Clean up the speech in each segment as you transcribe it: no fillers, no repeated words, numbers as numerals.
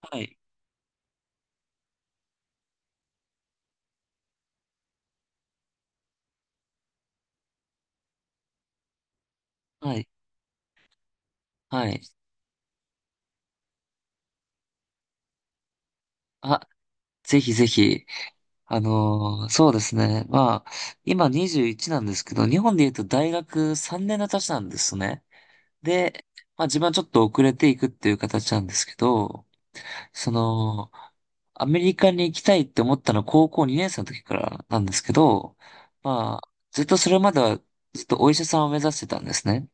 はい。はい。はい。あ、ぜひぜひ。そうですね。まあ、今21なんですけど、日本で言うと大学3年の年なんですね。で、まあ自分はちょっと遅れていくっていう形なんですけど、その、アメリカに行きたいって思ったのは高校2年生の時からなんですけど、まあ、ずっとそれまではずっとお医者さんを目指してたんですね。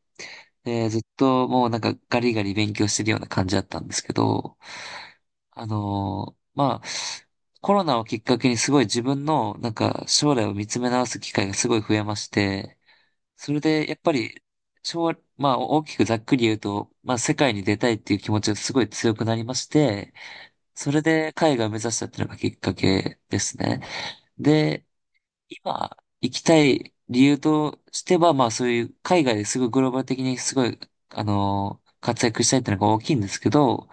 で、ずっともうなんかガリガリ勉強してるような感じだったんですけど、まあ、コロナをきっかけにすごい自分の、なんか、将来を見つめ直す機会がすごい増えまして、それで、やっぱり、まあ、大きくざっくり言うと、まあ、世界に出たいっていう気持ちがすごい強くなりまして、それで海外を目指したっていうのがきっかけですね。で、今、行きたい理由としては、まあ、そういう海外ですごいグローバル的にすごい、活躍したいっていうのが大きいんですけど、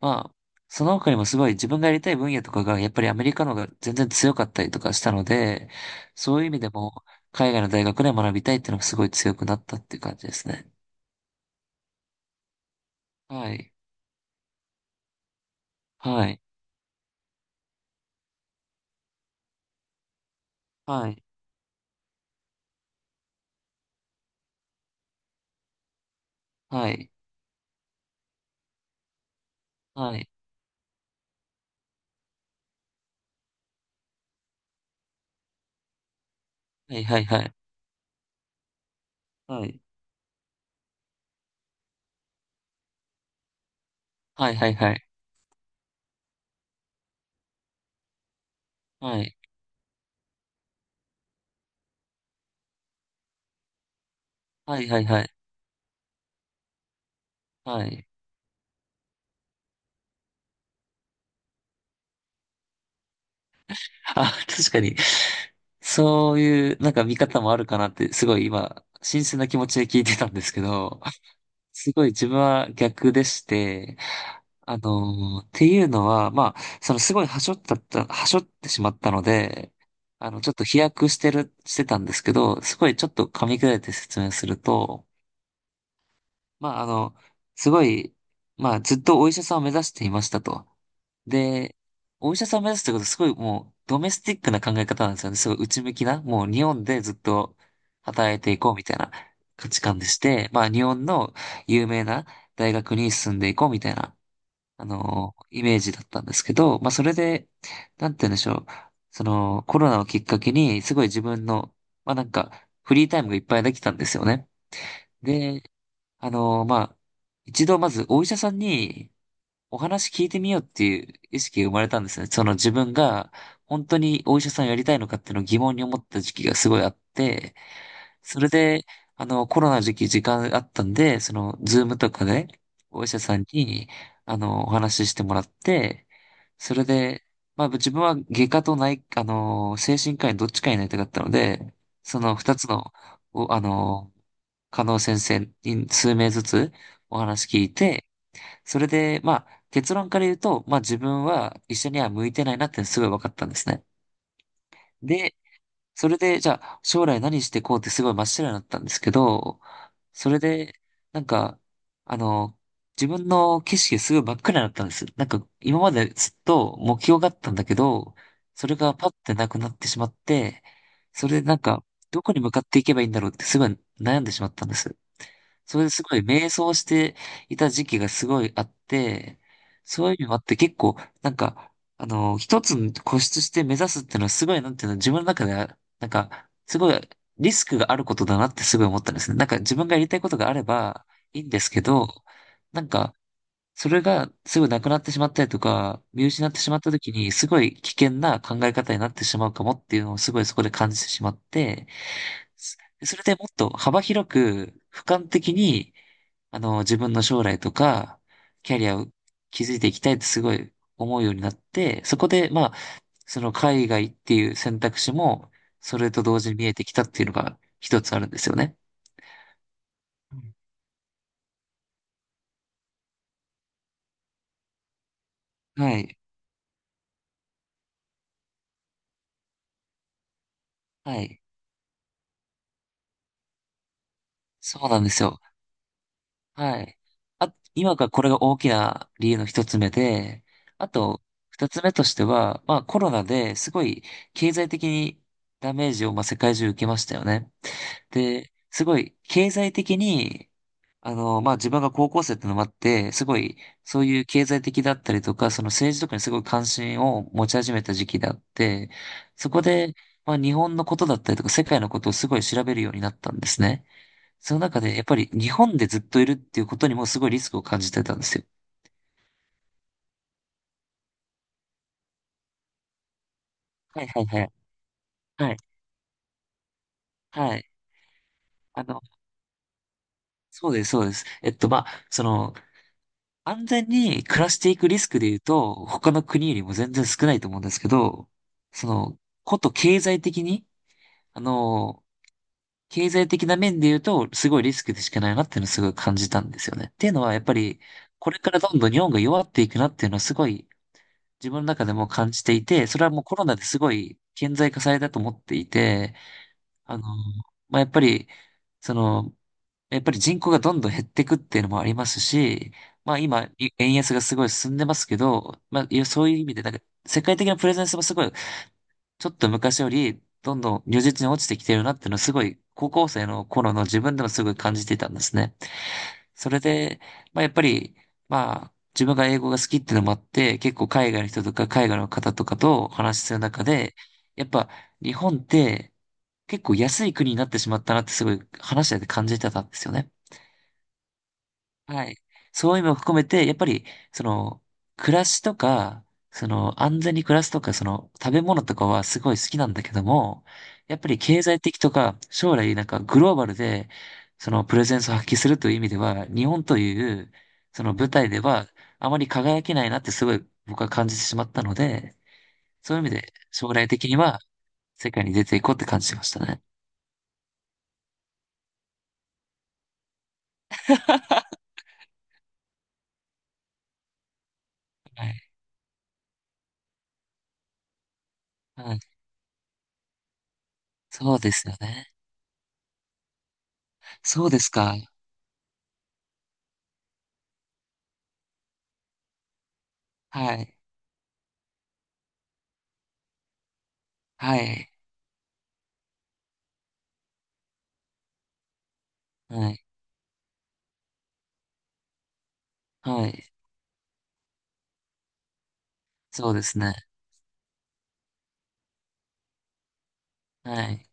まあ、その他にもすごい自分がやりたい分野とかが、やっぱりアメリカの方が全然強かったりとかしたので、そういう意味でも、海外の大学で学びたいっていうのがすごい強くなったっていう感じですね。はい。はい。はい。はい。はい。はい。はい。はい。はい。はい。はい。はい。はい。はい。はい。はい。はい。あ、確かに、そういう、なんか見方もあるかなって、すごい今、新鮮な気持ちで聞いてたんですけど、すごい自分は逆でして、っていうのは、まあ、そのすごい端折ったった、はしってしまったので、あの、ちょっと飛躍してる、してたんですけど、すごいちょっと噛み砕いて説明すると、まあ、すごい、まあ、ずっとお医者さんを目指していましたと。で、お医者さんを目指すってことはすごいもう、ドメスティックな考え方なんですよね。すごい内向きな、もう日本でずっと働いていこうみたいな価値観でして、まあ、日本の有名な大学に進んでいこうみたいな、イメージだったんですけど、まあ、それで、なんて言うんでしょう。その、コロナをきっかけに、すごい自分の、まあ、なんか、フリータイムがいっぱいできたんですよね。で、まあ、一度まずお医者さんにお話聞いてみようっていう意識が生まれたんですね。その自分が本当にお医者さんやりたいのかっていうのを疑問に思った時期がすごいあって、それで、コロナ時期時間あったんで、その、ズームとかで、お医者さんに、お話ししてもらって、それで、まあ、自分は外科と内、あの、精神科医どっちかになりたかったので、その二つの、お、あの、加納先生に数名ずつお話聞いて、それで、まあ、結論から言うと、まあ自分は医者には向いてないなってすごい分かったんですね。で、それで、じゃあ、将来何してこうってすごい真っ白になったんですけど、それで、なんか、あの、自分の景色がすごい真っ暗になったんです。なんか、今までずっと目標があったんだけど、それがパッてなくなってしまって、それでなんか、どこに向かっていけばいいんだろうってすごい悩んでしまったんです。それですごい迷走していた時期がすごいあって、そういう意味もあって結構、なんか、一つ固執して目指すっていうのはすごい、なんていうの、自分の中では、なんか、すごいリスクがあることだなってすごい思ったんですね。なんか自分がやりたいことがあればいいんですけど、なんか、それがすぐなくなってしまったりとか、見失ってしまった時に、すごい危険な考え方になってしまうかもっていうのをすごいそこで感じてしまって、そそれでもっと幅広く、俯瞰的に、自分の将来とか、キャリアを築いていきたいってすごい思うようになって、そこで、まあ、その海外っていう選択肢も、それと同時に見えてきたっていうのが一つあるんですよね。うんはい。はい。そうなんですよ。はい。あ、今がこれが大きな理由の一つ目で、あと、二つ目としては、まあコロナですごい経済的にダメージをまあ世界中受けましたよね。で、すごい経済的にまあ、自分が高校生ってのもあって、すごい、そういう経済的だったりとか、その政治とかにすごい関心を持ち始めた時期であって、そこで、まあ、日本のことだったりとか、世界のことをすごい調べるようになったんですね。その中で、やっぱり日本でずっといるっていうことにもすごいリスクを感じてたんですよ。はいはいはい。はい。はい。あの、そうです、そうです。まあ、その、安全に暮らしていくリスクで言うと、他の国よりも全然少ないと思うんですけど、その、こと経済的に、あの、経済的な面で言うと、すごいリスクでしかないなっていうのをすごい感じたんですよね。っていうのは、やっぱり、これからどんどん日本が弱っていくなっていうのはすごい自分の中でも感じていて、それはもうコロナですごい顕在化されたと思っていて、あの、まあ、やっぱり、その、やっぱり人口がどんどん減っていくっていうのもありますし、まあ今、円安がすごい進んでますけど、まあ、いやそういう意味で、なんか、世界的なプレゼンスもすごいちょっと昔より、どんどん如実に落ちてきてるなっていうのをすごい、高校生の頃の自分でもすごい感じてたんですね。それで、まあやっぱり、まあ、自分が英語が好きっていうのもあって、結構海外の人とか海外の方とかとお話しする中で、やっぱ日本って結構安い国になってしまったなってすごい話してて感じてたんですよね。はい。そういう意味も含めて、やっぱり、その、暮らしとか、その、安全に暮らすとか、その、食べ物とかはすごい好きなんだけども、やっぱり経済的とか、将来なんかグローバルで、その、プレゼンスを発揮するという意味では、日本という、その舞台では、あまり輝けないなってすごい僕は感じてしまったので、そういう意味で、将来的には、世界に出ていこうって感じましたね。はい。はい。そうですよね。そうですか。はい。はい。はい。はい。そうですね。はい。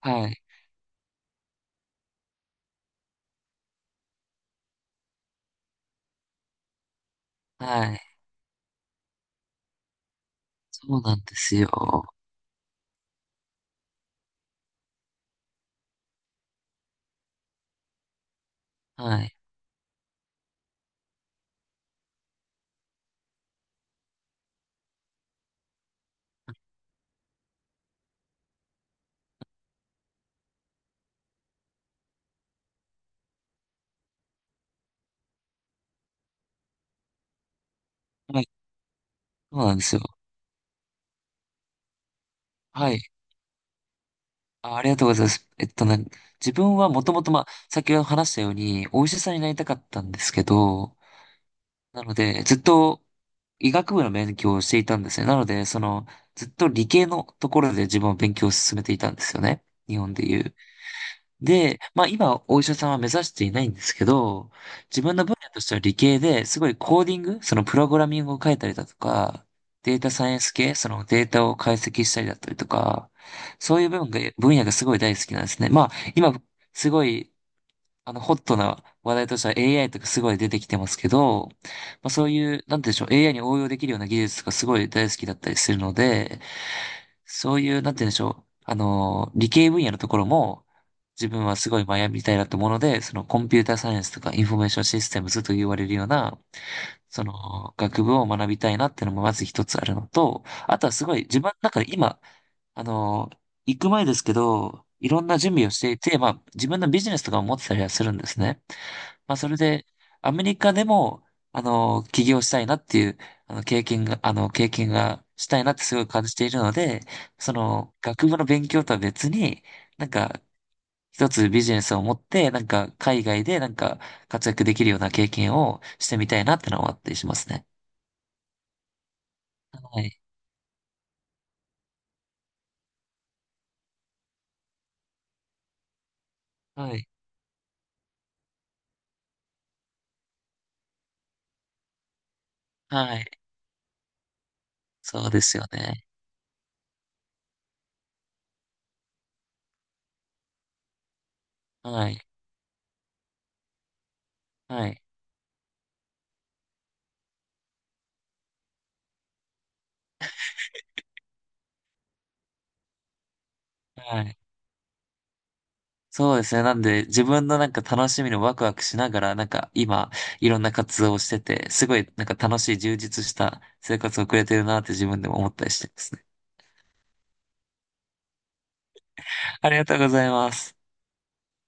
はい。はい。そうなんですよ。はい。はい。そうなんですよ。はい。あ、ありがとうございます。自分はもともと、まあ、先ほど話したように、お医者さんになりたかったんですけど、なので、ずっと医学部の勉強をしていたんですね。なので、その、ずっと理系のところで自分は勉強を進めていたんですよね。日本でいう。で、まあ今お医者さんは目指していないんですけど、自分の分野としては理系ですごいコーディング、そのプログラミングを書いたりだとか、データサイエンス系、そのデータを解析したりだったりとか、そういう部分が、分野がすごい大好きなんですね。まあ今すごい、ホットな話題としては AI とかすごい出てきてますけど、まあそういう、なんて言うんでしょう、AI に応用できるような技術とかすごい大好きだったりするので、そういう、なんて言うんでしょう。あの理系分野のところも、自分はすごい学びたいなと思うので、そのコンピューターサイエンスとかインフォメーションシステムズと言われるような、その学部を学びたいなっていうのもまず一つあるのと、あとはすごい自分の中で今、あの行く前ですけど、いろんな準備をしていて、まあ自分のビジネスとかも持ってたりはするんですね。まあ、それで、アメリカでも、起業したいなっていう、経験がしたいなってすごい感じているので、その、学部の勉強とは別に、なんか、一つビジネスを持って、なんか、海外で、なんか、活躍できるような経験をしてみたいなってのは思ったりしますね。はい。はい。はい。そうですよね。はい。はい。はい。そうですね。なんで、自分のなんか楽しみのワクワクしながら、なんか今、いろんな活動をしてて、すごいなんか楽しい充実した生活を送れてるなって自分でも思ったりしてますね。ありがとうございます。